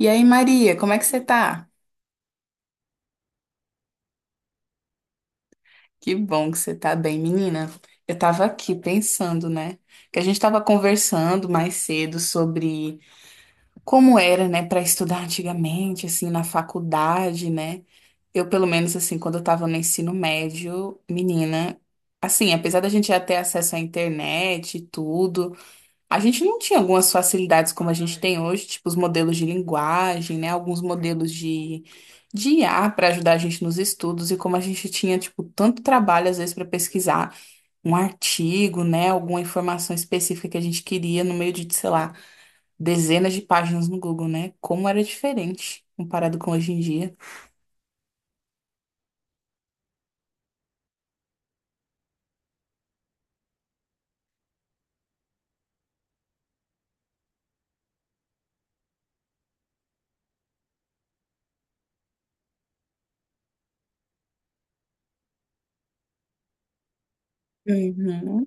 E aí, Maria, como é que você tá? Que bom que você tá bem, menina. Eu tava aqui pensando, né? Que a gente tava conversando mais cedo sobre como era, né, para estudar antigamente, assim, na faculdade, né? Eu, pelo menos, assim, quando eu tava no ensino médio, menina, assim, apesar da gente já ter acesso à internet e tudo. A gente não tinha algumas facilidades como a gente tem hoje, tipo os modelos de linguagem, né? Alguns modelos de IA para ajudar a gente nos estudos e como a gente tinha, tipo, tanto trabalho às vezes para pesquisar um artigo, né? Alguma informação específica que a gente queria no meio de, sei lá, dezenas de páginas no Google, né? Como era diferente comparado com hoje em dia. Uhum.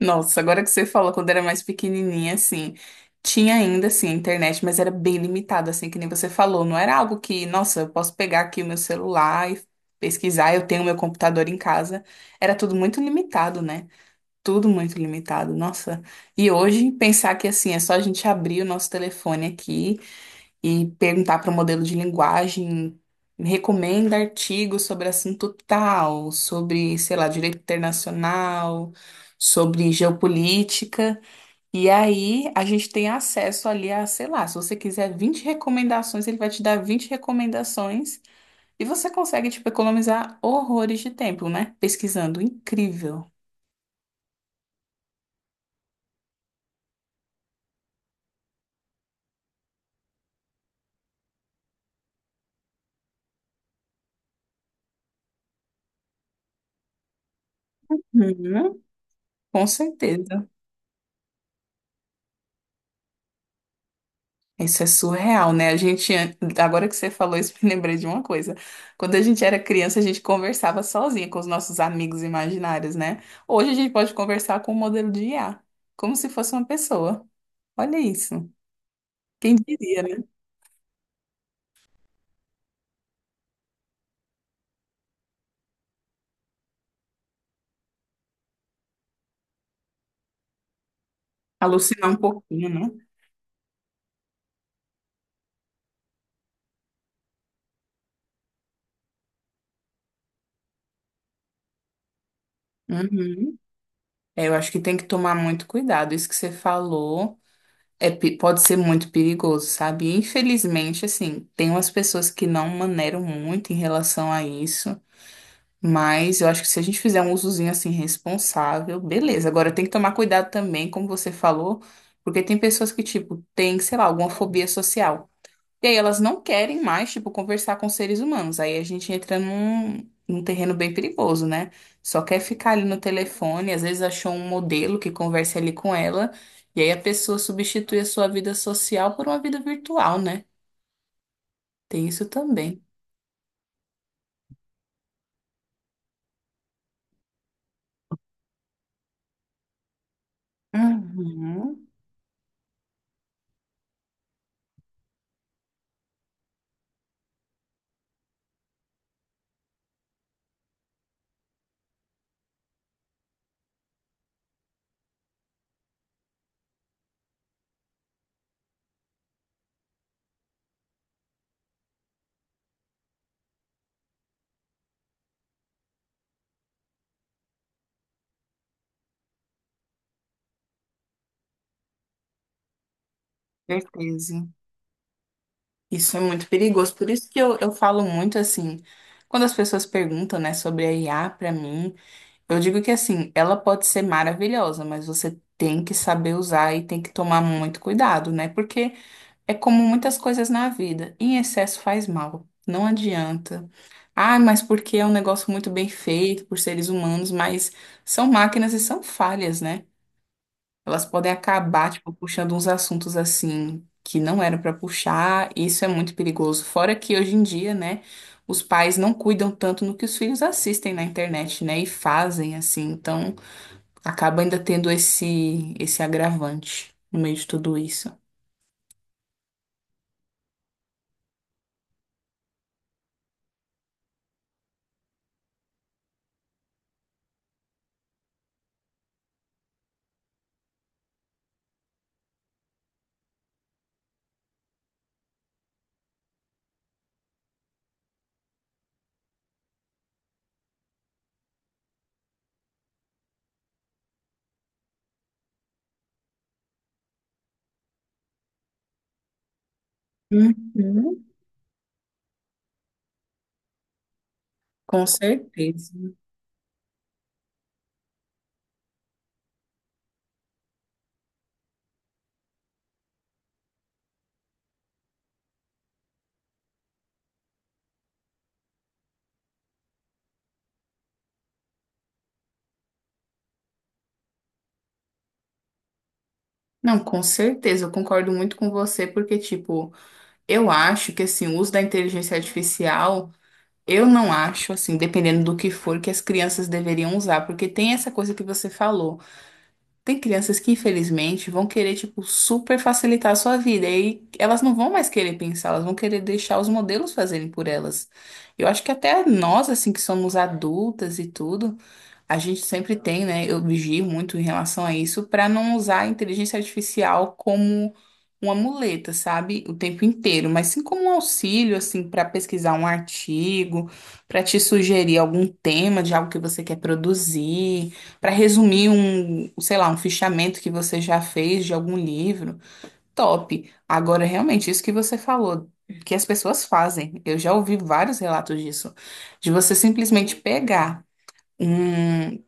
Nossa, agora que você fala, quando era mais pequenininha, assim, tinha ainda, assim, a internet, mas era bem limitada, assim, que nem você falou. Não era algo que, nossa, eu posso pegar aqui o meu celular e pesquisar, eu tenho meu computador em casa. Era tudo muito limitado, né? Tudo muito limitado, nossa. E hoje, pensar que, assim, é só a gente abrir o nosso telefone aqui e perguntar para o modelo de linguagem, recomenda artigos sobre assunto tal, sobre, sei lá, direito internacional, sobre geopolítica. E aí a gente tem acesso ali a, sei lá, se você quiser 20 recomendações, ele vai te dar 20 recomendações e você consegue, tipo, economizar horrores de tempo, né? Pesquisando. Incrível. Uhum. Com certeza. Isso é surreal, né? A gente, agora que você falou isso, me lembrei de uma coisa. Quando a gente era criança, a gente conversava sozinha com os nossos amigos imaginários, né? Hoje a gente pode conversar com o modelo de IA, como se fosse uma pessoa. Olha isso. Quem diria, né? Alucinar um pouquinho, né? Uhum. É, eu acho que tem que tomar muito cuidado. Isso que você falou é, pode ser muito perigoso, sabe? Infelizmente, assim, tem umas pessoas que não maneiram muito em relação a isso. Mas eu acho que se a gente fizer um usozinho assim responsável, beleza. Agora tem que tomar cuidado também, como você falou, porque tem pessoas que, tipo, têm, sei lá, alguma fobia social. E aí elas não querem mais, tipo, conversar com seres humanos. Aí a gente entra num terreno bem perigoso, né? Só quer ficar ali no telefone, às vezes achou um modelo que converse ali com ela, e aí a pessoa substitui a sua vida social por uma vida virtual, né? Tem isso também. Uhum, certeza. Isso é muito perigoso. Por isso que eu falo muito assim, quando as pessoas perguntam, né, sobre a IA pra mim, eu digo que assim, ela pode ser maravilhosa, mas você tem que saber usar e tem que tomar muito cuidado, né? Porque é como muitas coisas na vida, em excesso faz mal, não adianta. Ah, mas porque é um negócio muito bem feito por seres humanos, mas são máquinas e são falhas, né? Elas podem acabar, tipo, puxando uns assuntos assim que não eram pra puxar, e isso é muito perigoso. Fora que hoje em dia, né, os pais não cuidam tanto no que os filhos assistem na internet, né, e fazem assim. Então, acaba ainda tendo esse agravante no meio de tudo isso. Uhum. Com certeza. Não, com certeza, eu concordo muito com você, porque, tipo, eu acho que, assim, o uso da inteligência artificial. Eu não acho, assim, dependendo do que for, que as crianças deveriam usar, porque tem essa coisa que você falou. Tem crianças que, infelizmente, vão querer, tipo, super facilitar a sua vida, e aí elas não vão mais querer pensar, elas vão querer deixar os modelos fazerem por elas. Eu acho que até nós, assim, que somos adultas e tudo. A gente sempre tem, né? Eu vigio muito em relação a isso para não usar a inteligência artificial como uma muleta, sabe? O tempo inteiro, mas sim como um auxílio, assim, para pesquisar um artigo, para te sugerir algum tema de algo que você quer produzir, para resumir um, sei lá, um fichamento que você já fez de algum livro. Top. Agora, realmente, isso que você falou, que as pessoas fazem. Eu já ouvi vários relatos disso, de você simplesmente pegar um,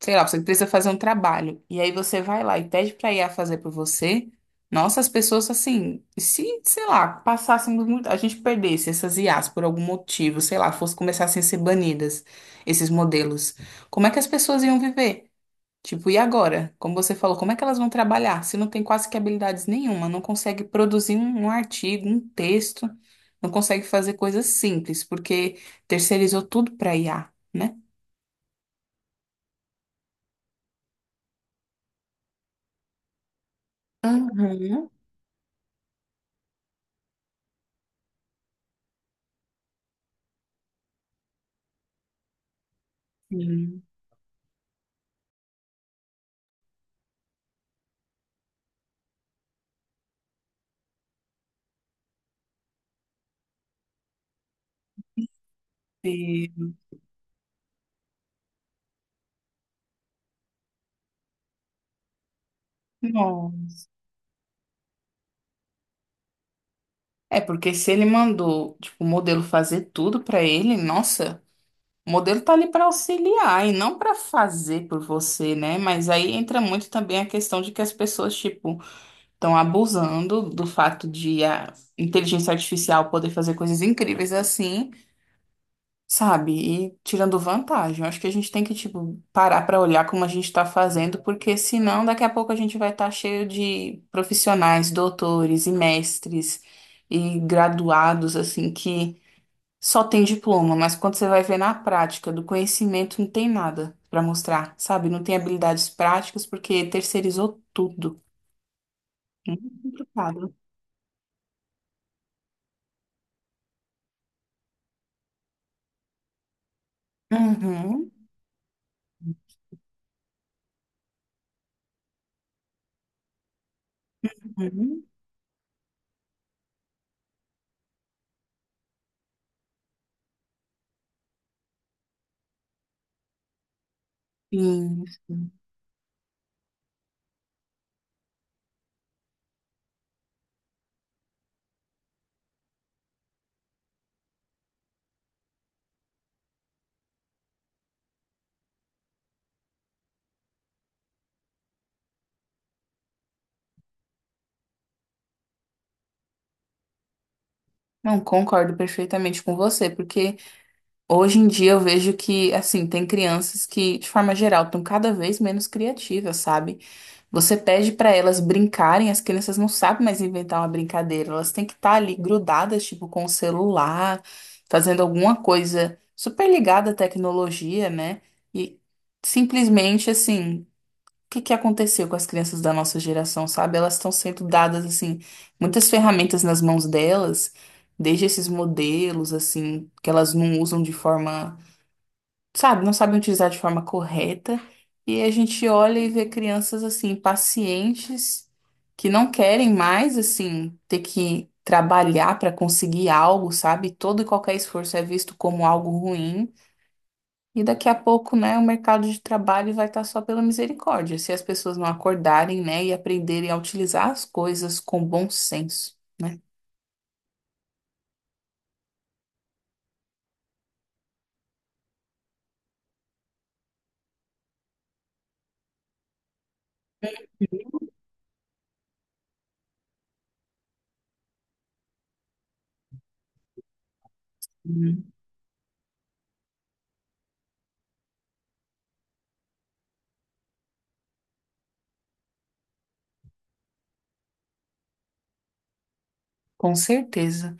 sei lá, você precisa fazer um trabalho, e aí você vai lá e pede para IA fazer por você, nossa, as pessoas assim, se, sei lá, passássemos muito, a gente perdesse essas IAs por algum motivo, sei lá, fosse começassem a ser banidas, esses modelos, como é que as pessoas iam viver? Tipo, e agora? Como você falou, como é que elas vão trabalhar se não tem quase que habilidades nenhuma, não consegue produzir um artigo, um texto, não consegue fazer coisas simples, porque terceirizou tudo para IA, né? Uhum. Sim. Sim. Não. É porque se ele mandou, tipo, o modelo fazer tudo pra ele, nossa, o modelo tá ali pra auxiliar e não pra fazer por você, né? Mas aí entra muito também a questão de que as pessoas, tipo, estão abusando do fato de a inteligência artificial poder fazer coisas incríveis assim. Sabe? E tirando vantagem. Eu acho que a gente tem que, tipo, parar pra olhar como a gente tá fazendo, porque senão daqui a pouco a gente vai estar cheio de profissionais, doutores e mestres e graduados, assim, que só tem diploma, mas quando você vai ver na prática do conhecimento não tem nada pra mostrar, sabe? Não tem habilidades práticas porque terceirizou tudo. Muito complicado. Uhum, uhum. Isso. Não, concordo perfeitamente com você, porque hoje em dia eu vejo que, assim, tem crianças que, de forma geral, estão cada vez menos criativas, sabe? Você pede para elas brincarem, as crianças não sabem mais inventar uma brincadeira, elas têm que estar ali grudadas, tipo, com o celular, fazendo alguma coisa super ligada à tecnologia, né? E simplesmente, assim, o que que aconteceu com as crianças da nossa geração, sabe? Elas estão sendo dadas, assim, muitas ferramentas nas mãos delas, desde esses modelos, assim, que elas não usam de forma sabe, não sabem utilizar de forma correta. E a gente olha e vê crianças assim, pacientes, que não querem mais assim ter que trabalhar para conseguir algo, sabe? Todo e qualquer esforço é visto como algo ruim. E daqui a pouco, né, o mercado de trabalho vai estar só pela misericórdia, se as pessoas não acordarem, né, e aprenderem a utilizar as coisas com bom senso, né? Hum. Com certeza.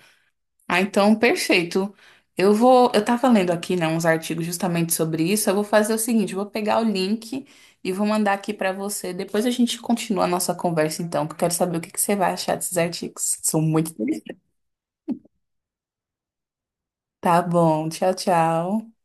Ah, então, perfeito. Eu vou, eu tava lendo aqui, né, uns artigos justamente sobre isso. Eu vou fazer o seguinte, eu vou pegar o link e vou mandar aqui pra você. Depois a gente continua a nossa conversa, então, que eu quero saber o que que você vai achar desses artigos. São muito interessantes. Tá bom, tchau, tchau.